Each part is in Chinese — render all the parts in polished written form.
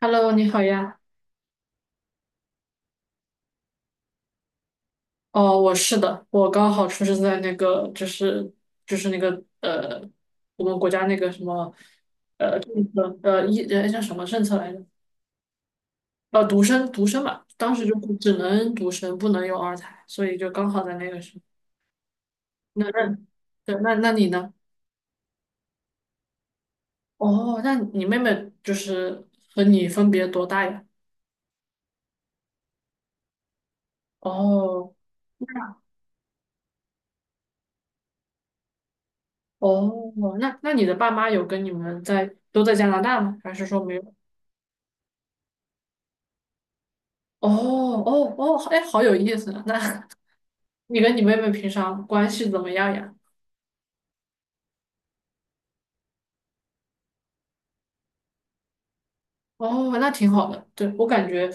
Hello，你好呀。哦，我是的，我刚好出生在那个，就是那个，我们国家那个什么政策，一叫什么政策来着？独生嘛，当时就不只能独生，不能有二胎，所以就刚好在那个时候。那对，那你呢？哦，那你妹妹就是和你分别多大呀？哦哦，那你的爸妈有跟你们在都在加拿大吗？还是说没有？哦哦哦，哎，好有意思啊！那 你跟你妹妹平常关系怎么样呀？哦，那挺好的。对，我感觉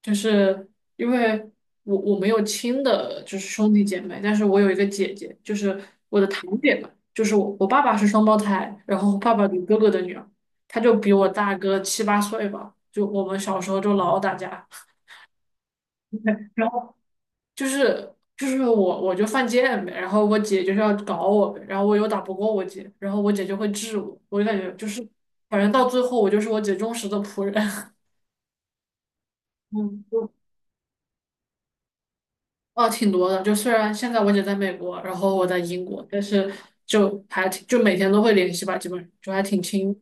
就是因为我没有亲的，就是兄弟姐妹，但是我有一个姐姐，就是我的堂姐嘛，就是我爸爸是双胞胎，然后爸爸有哥哥的女儿，她就比我大个七八岁吧，就我们小时候就老打架，然后。就是就是我就犯贱呗，然后我姐就是要搞我呗，然后我又打不过我姐，然后我姐就会治我，我就感觉就是反正到最后我就是我姐忠实的仆人，嗯，就哦挺多的，就虽然现在我姐在美国，然后我在英国，但是就还挺就每天都会联系吧，基本上就还挺亲，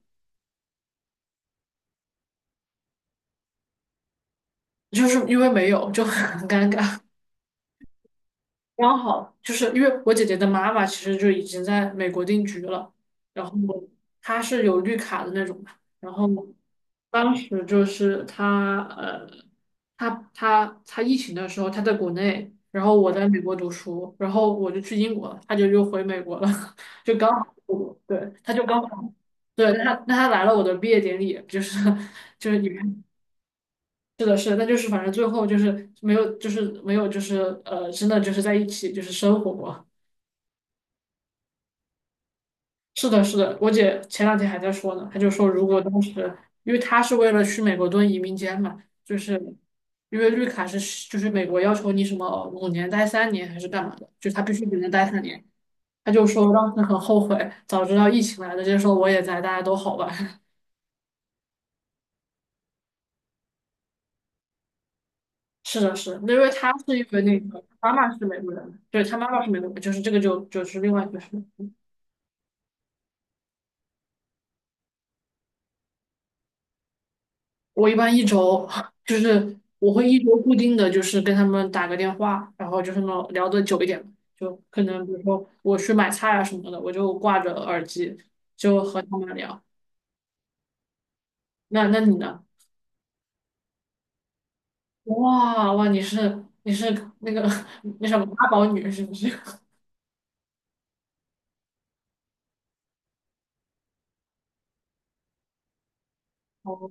就是因为没有就很尴尬。刚好就是因为我姐姐的妈妈其实就已经在美国定居了，然后她是有绿卡的那种嘛，然后当时就是她她疫情的时候她在国内，然后我在美国读书，然后我就去英国了，她就又回美国了，就刚好对，她就刚好对，那她那她来了我的毕业典礼，就是 就是你。是的，是的，但就是反正最后就是没有，就是没有，就是真的就是在一起就是生活过。是的，是的，我姐前两天还在说呢，她就说如果当时，因为她是为了去美国蹲移民监嘛，就是因为绿卡是就是美国要求你什么五年待三年还是干嘛的，就她必须只能待三年。她就说当时很后悔，早知道疫情来了，就说我也在，大家都好吧。是的，是的，因为她是因为那个她妈妈是美国人，对，她妈妈是美国人，就是这个就是另外一回事。我一般一周 就是我会一周固定的就是跟他们打个电话，然后就是那种聊得久一点，就可能比如说我去买菜啊什么的，我就挂着耳机就和他们聊。那那你呢？哇哇，你是那个 那什么八宝女是不是？哦，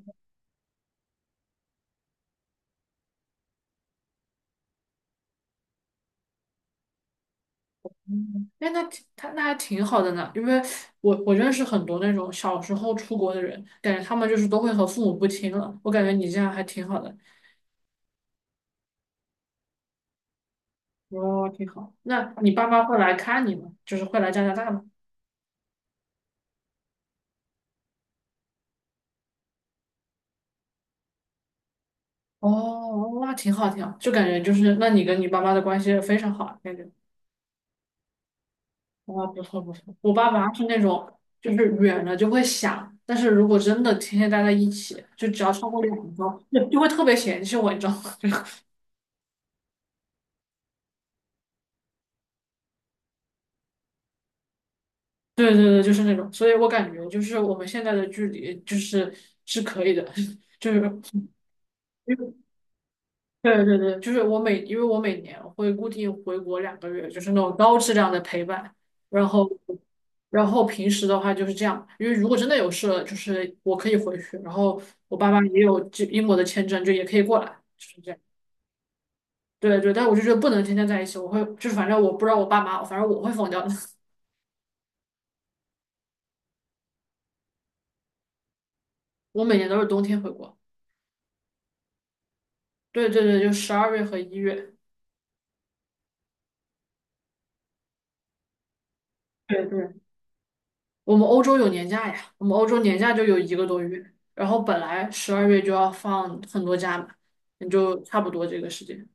嗯哎，那挺他那还挺好的呢，因为我认识很多那种小时候出国的人，感觉他们就是都会和父母不亲了，我感觉你这样还挺好的。哦，挺好。那你爸妈会来看你吗？就是会来加拿大吗？哦，那挺好，挺好，就感觉就是，那你跟你爸妈的关系非常好，感觉哇，不错不错。我爸妈是那种，就是远了就会想，但是如果真的天天待在一起，就只要超过2周，就会特别嫌弃我，你知道吗？就是对对对，就是那种。所以我感觉就是我们现在的距离就是是可以的，就是 对对对，就是我每，因为我每年会固定回国2个月，就是那种高质量的陪伴。然后，然后平时的话就是这样，因为如果真的有事了，就是我可以回去。然后我爸妈也有这英国的签证，就也可以过来，就是这样。对对，但我就觉得不能天天在一起，我会就是反正我不知道我爸妈，反正我会疯掉的。我每年都是冬天回国。对对对，就十二月和1月。对对。我们欧洲有年假呀，我们欧洲年假就有一个多月，然后本来十二月就要放很多假嘛，也就差不多这个时间。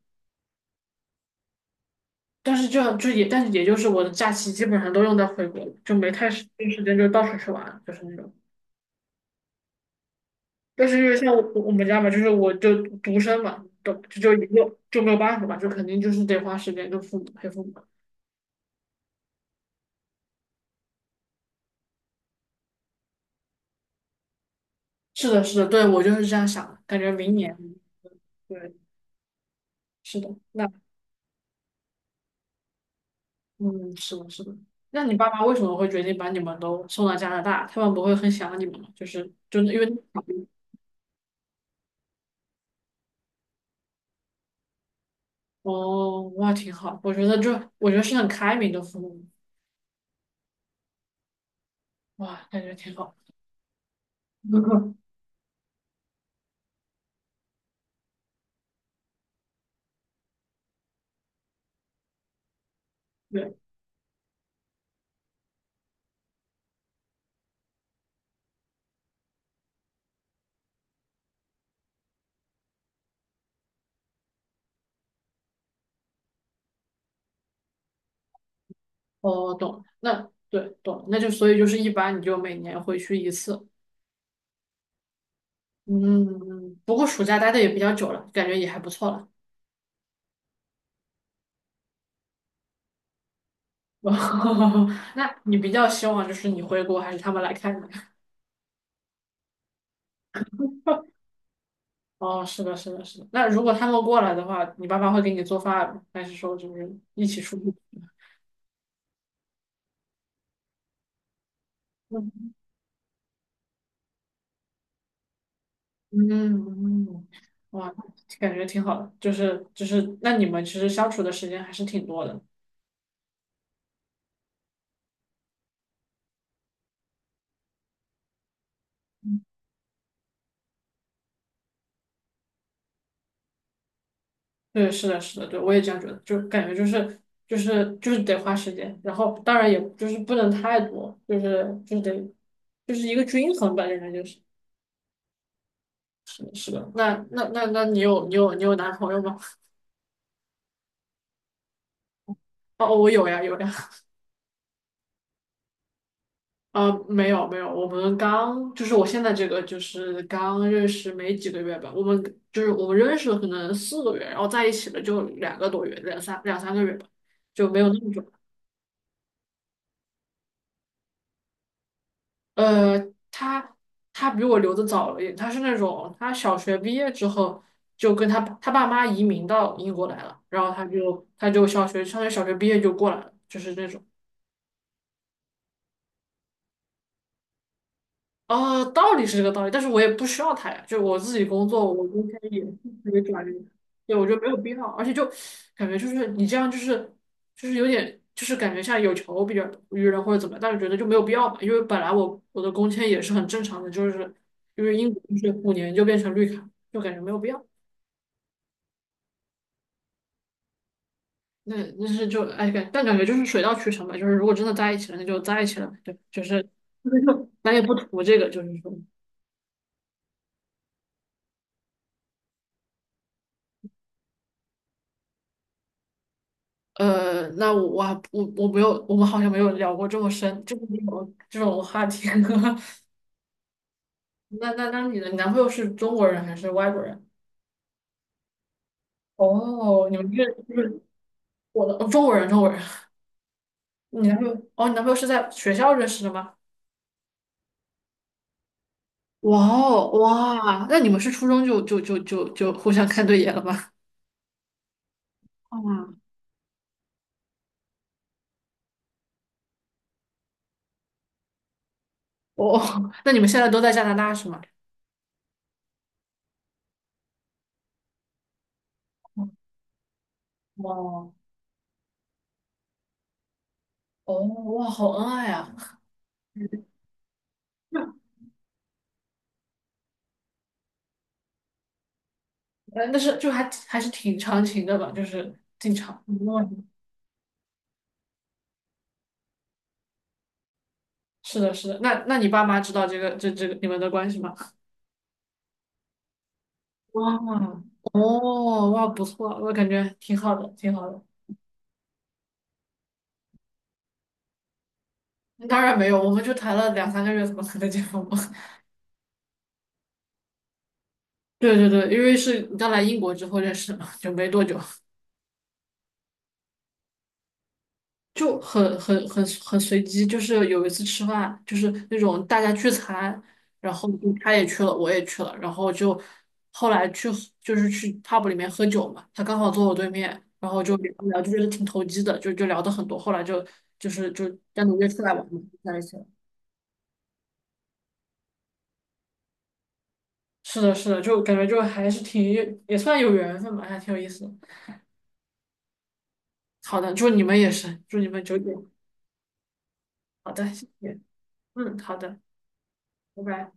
但是这就也，但是也就是我的假期基本上都用在回国了，就没太时有时间就到处去玩了就是那种。但是因为像我我们家嘛，就是我就独生嘛，都就一个就没有办法嘛，就肯定就是得花时间跟父母陪父母。是的，是的，对，我就是这样想的，感觉明年，对，是的，那。嗯，是的，是的。那你爸妈为什么会决定把你们都送到加拿大？他们不会很想你们吗？就是真的，因为哦，哇，挺好。我觉得就我觉得是很开明的父母，哇，感觉挺好。对，哦，懂了。那对，懂了。那就所以就是一般你就每年回去一次。嗯，不过暑假待的也比较久了，感觉也还不错了。那你比较希望就是你回国还是他们来看你？哦，是的，是的，是的。那如果他们过来的话，你爸妈会给你做饭吗还是说就是一起出去？嗯嗯，哇，感觉挺好的，就是就是，那你们其实相处的时间还是挺多的。嗯，对，是的，是的，对，我也这样觉得，就感觉就是就是得花时间，然后当然也就是不能太多，就是得就是一个均衡吧，应该就是是的，是的。那你有男朋友吗？哦，我有呀，有呀。呃，没有没有，我们刚就是我现在这个就是刚认识没几个月吧，我们就是我们认识了可能4个月，然后在一起了就2个多月，两三个月吧，就没有那么久。呃，他他比我留的早了一点，他是那种他小学毕业之后就跟他爸妈移民到英国来了，然后他就小学毕业就过来了，就是那种。啊，道理是这个道理，但是我也不需要他呀，就我自己工作，我应该也是可以转运，对，我觉得没有必要，而且就感觉就是你这样就是有点就是感觉像有求必于人或者怎么样，但是觉得就没有必要嘛，因为本来我的工签也是很正常的，就是因为英国就是五年就变成绿卡，就感觉没有必要。那那是就哎感，但感觉就是水到渠成吧，就是如果真的在一起了，那就在一起了，对，就是 就咱也不图这个，就是说。那我还我没有，我们好像没有聊过这么深这么有这种话题。那你的男朋友是中国人还是外国人？哦，你们是就是我的中国人，中国人。你男朋友哦，你男朋友是在学校认识的吗？哇哦哇，那你们是初中就互相看对眼了吗？啊，哦，那你们现在都在加拿大是吗？哇，哦哇，好恩爱啊！但是就还是挺长情的吧，就是经常。嗯是的，是的。那你爸妈知道这个你们的关系吗？哇哦哇，不错，我感觉挺好的，挺好的。当然没有，我们就谈了两三个月，怎么可能结婚嘛？对对对，因为是刚来英国之后认识的嘛，就没多久。就很随机，就是有一次吃饭，就是那种大家聚餐，然后就他也去了，我也去了，然后就后来去就是去 pub 里面喝酒嘛，他刚好坐我对面，然后就聊聊，就觉得挺投机的，就聊的很多，后来就单独约出来玩嘛，就在一起了。是的，是的，就感觉就还是挺也算有缘分吧，还挺有意思的。好的，祝你们也是，祝你们九点。好的，谢谢。嗯，好的，拜拜。